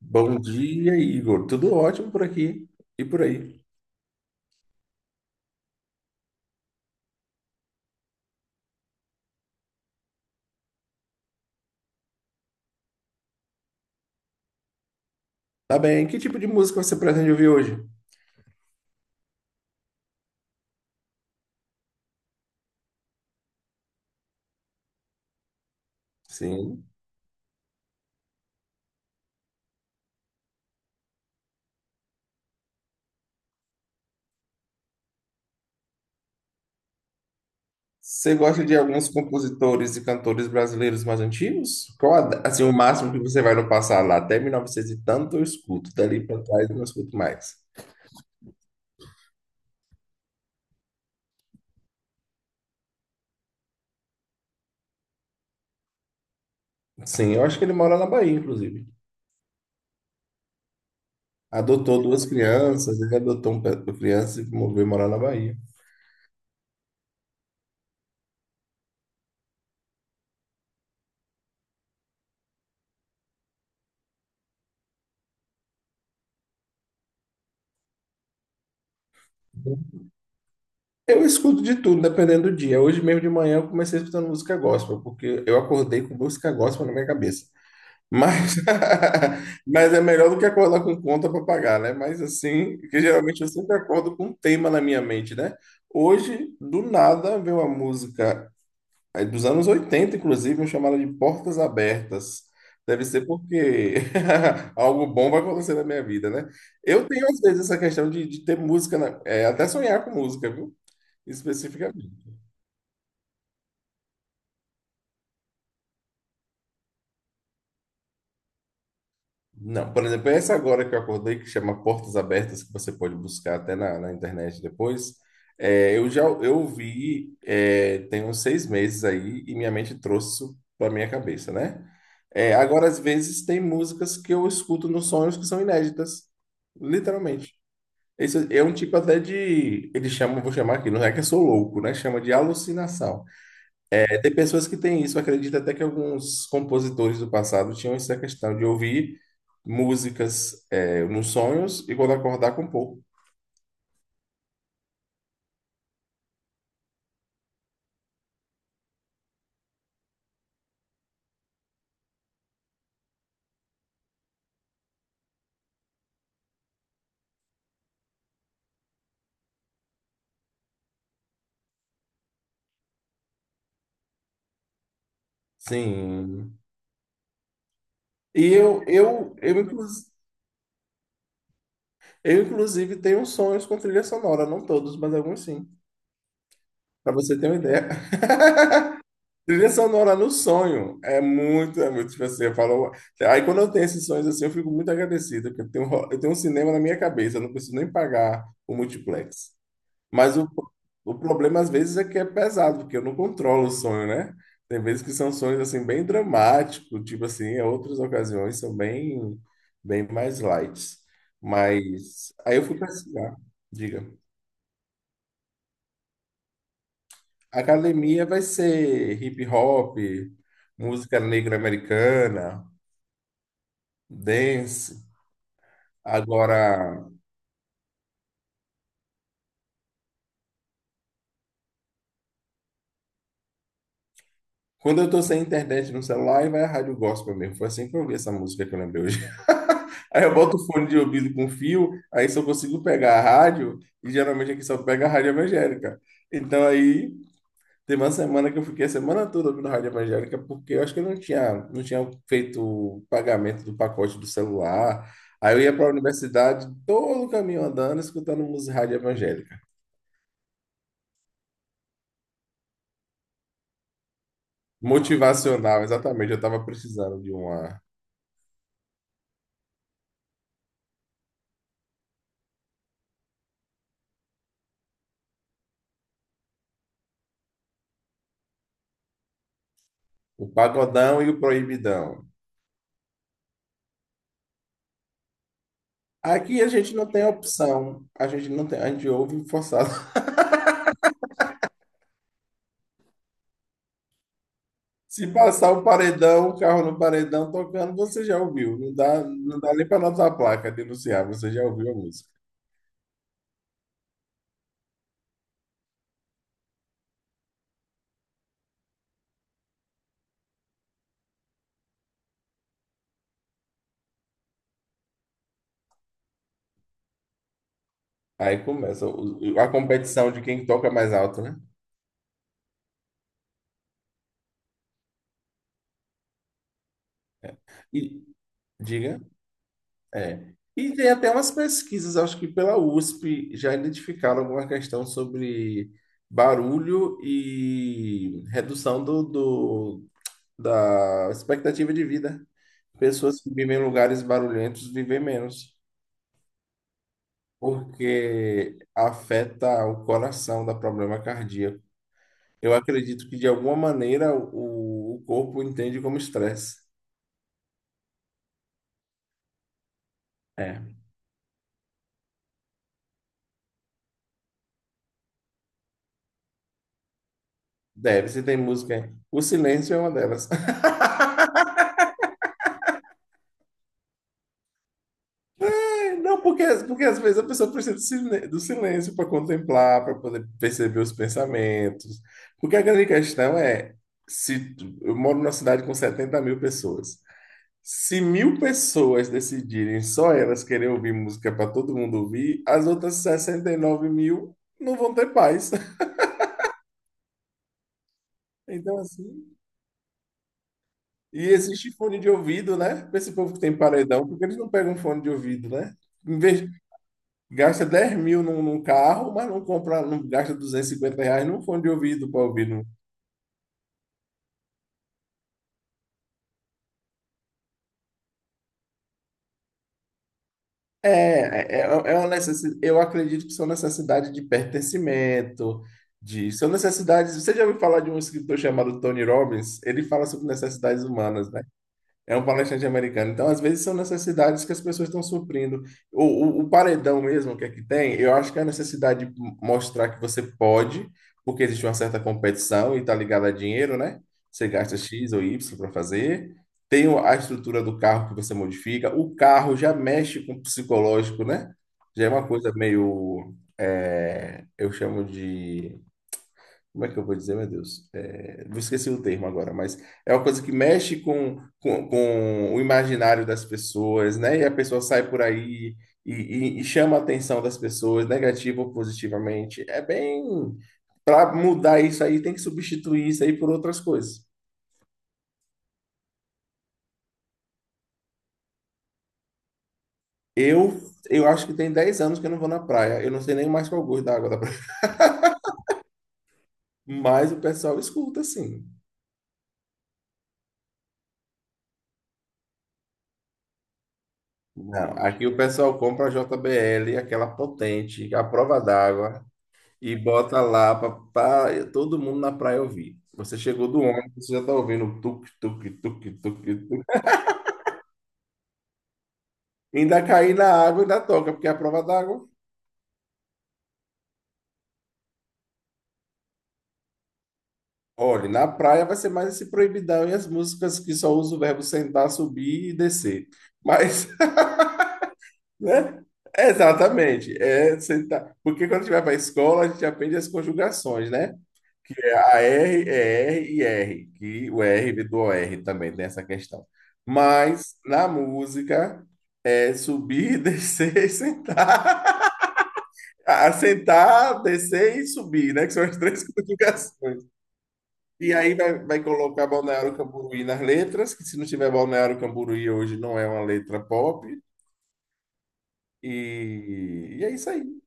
Bom dia, Igor. Tudo ótimo por aqui e por aí. Tá bem. Que tipo de música você pretende ouvir hoje? Sim. Você gosta de alguns compositores e cantores brasileiros mais antigos? Qual, assim, o máximo que você vai no passado lá? Até 1900 e tanto eu escuto. Dali pra trás eu não escuto mais. Sim, eu acho que ele mora na Bahia, inclusive. Adotou duas crianças, ele adotou uma criança e moveu morar na Bahia. Eu escuto de tudo, dependendo do dia. Hoje mesmo de manhã eu comecei escutando música gospel, porque eu acordei com música gospel na minha cabeça. Mas, mas é melhor do que acordar com conta para pagar, né? Mas assim, que geralmente eu sempre acordo com um tema na minha mente, né? Hoje, do nada, veio uma música dos anos 80, inclusive, chamada de Portas Abertas. Deve ser porque algo bom vai acontecer na minha vida, né? Eu tenho, às vezes, essa questão de ter música, até sonhar com música, viu? Especificamente. Não, por exemplo, essa agora que eu acordei, que chama Portas Abertas, que você pode buscar até na internet depois, é, eu vi é, tem uns 6 meses aí e minha mente trouxe isso para minha cabeça, né? É, agora, às vezes, tem músicas que eu escuto nos sonhos que são inéditas, literalmente. Isso é um tipo até de, eles chamam, vou chamar aqui, não é que eu sou louco, né? Chama de alucinação. Tem pessoas que têm isso, acredito até que alguns compositores do passado tinham essa questão de ouvir músicas nos sonhos e quando acordar compor. Sim. E eu, inclusive, tenho sonhos com trilha sonora, não todos, mas alguns sim, para você ter uma ideia. Trilha sonora no sonho é muito, tipo assim, eu falo, aí quando eu tenho esses sonhos assim, eu fico muito agradecido, porque eu tenho um cinema na minha cabeça, eu não preciso nem pagar o multiplex. Mas o problema às vezes é que é pesado, porque eu não controlo o sonho, né? Tem vezes que são sonhos assim bem dramáticos, tipo assim, outras ocasiões são bem mais light. Mas aí eu fui pesquisar, diga. Academia vai ser hip hop, música negra americana, dance. Agora, quando eu tô sem internet no celular, aí vai a rádio gospel mesmo. Foi assim que eu ouvi essa música que eu lembrei hoje. Aí eu boto o fone de ouvido com fio, aí só consigo pegar a rádio, e geralmente aqui só pega a rádio evangélica. Então aí tem uma semana que eu fiquei a semana toda ouvindo rádio evangélica, porque eu acho que eu não tinha feito o pagamento do pacote do celular. Aí eu ia para a universidade todo o caminho andando, escutando música rádio evangélica. Motivacional, exatamente. Eu estava precisando de uma, o pagodão e o proibidão. Aqui a gente não tem opção. A gente não tem, a gente ouve forçado. Se passar o paredão, o carro no paredão tocando, você já ouviu. Não dá nem para notar a placa denunciar, você já ouviu a música. Aí começa a competição de quem toca mais alto, né? E diga, é. E tem até umas pesquisas, acho que pela USP já identificaram alguma questão sobre barulho e redução da expectativa de vida. Pessoas que vivem em lugares barulhentos vivem menos, porque afeta o coração, dá problema cardíaco. Eu acredito que, de alguma maneira, o corpo entende como estresse. É, deve, se tem música aí. O silêncio é uma delas. Não, porque às vezes a pessoa precisa do silêncio para contemplar, para poder perceber os pensamentos. Porque a grande questão é, se tu- eu moro numa cidade com 70 mil pessoas. Se mil pessoas decidirem só elas querer ouvir música para todo mundo ouvir, as outras 69 mil não vão ter paz. Então, assim. E existe fone de ouvido, né? Para esse povo que tem paredão, porque eles não pegam fone de ouvido, né? Em vez, gasta 10 mil num carro, mas não compra, não gasta R$ 250 num fone de ouvido para ouvir. É uma necessidade, eu acredito que são necessidade de pertencimento, são necessidades. Você já ouviu falar de um escritor chamado Tony Robbins? Ele fala sobre necessidades humanas, né? É um palestrante americano. Então, às vezes, são necessidades que as pessoas estão suprindo. O paredão mesmo que aqui tem, eu acho que é a necessidade de mostrar que você pode, porque existe uma certa competição e está ligada a dinheiro, né? Você gasta X ou Y para fazer. Tem a estrutura do carro que você modifica. O carro já mexe com o psicológico, né? Já é uma coisa meio, eu chamo de, como é que eu vou dizer, meu Deus? É, vou esquecer o termo agora, mas é uma coisa que mexe com o imaginário das pessoas, né? E a pessoa sai por aí e chama a atenção das pessoas, negativa ou positivamente. É bem. Para mudar isso aí, tem que substituir isso aí por outras coisas. Eu, eu acho que tem 10 anos que eu não vou na praia. Eu não sei nem mais qual o gosto da água da praia. Mas o pessoal escuta, assim. Não, aqui o pessoal compra a JBL, aquela potente, a prova d'água. E bota lá para todo mundo na praia ouvir. Você chegou do ônibus, você já tá ouvindo tuk, tuk, tuk, tuk, tuk. Ainda cair na água, ainda toca, porque é a prova d'água. Olha, na praia vai ser mais esse proibidão e as músicas que só usam o verbo sentar, subir e descer. Mas, né? Exatamente. É sentar. Porque quando a gente vai para a escola, a gente aprende as conjugações, né? É A R é R e R, que o R vem do O r também, tem essa questão. Mas na música é subir, descer, e sentar. Ah, sentar, descer e subir, né? Que são as três conjugações. E aí vai colocar Balneário Camboriú nas letras, que se não tiver Balneário Camboriú hoje não é uma letra pop. E é isso aí.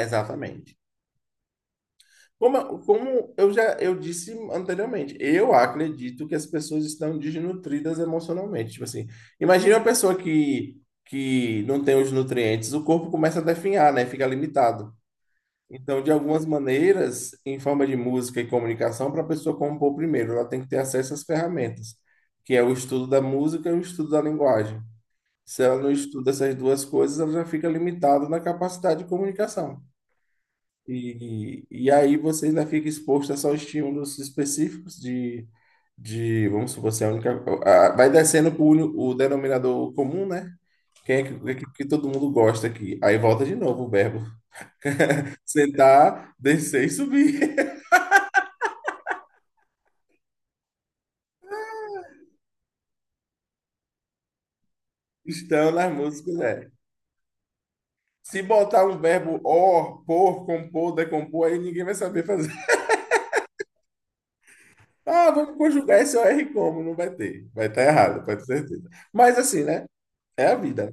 Exatamente. Como eu disse anteriormente, eu acredito que as pessoas estão desnutridas emocionalmente. Tipo assim, imagina uma pessoa que não tem os nutrientes, o corpo começa a definhar, né? Fica limitado. Então, de algumas maneiras, em forma de música e comunicação, para a pessoa compor primeiro, ela tem que ter acesso às ferramentas, que é o estudo da música e o estudo da linguagem. Se ela não estuda essas duas coisas, ela já fica limitada na capacidade de comunicação. E aí você ainda fica exposto a só estímulos específicos de, vamos supor, você é a única. Vai descendo para o denominador comum, né? Quem é é que todo mundo gosta aqui? Aí volta de novo o verbo. Sentar, descer e subir. Estão nas músicas, é. Se botar um verbo or, por, compor, decompor, aí ninguém vai saber fazer. Ah, vamos conjugar esse OR como? Não vai ter. Vai estar errado, pode ter certeza. Mas assim, né? É a vida, né?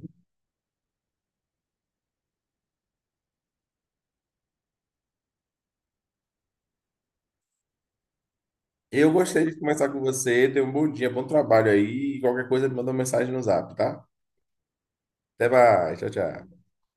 Eu gostei de conversar com você. Tenha um bom dia, bom trabalho aí. Qualquer coisa, me manda uma mensagem no zap, tá? Até mais. Tchau, tchau.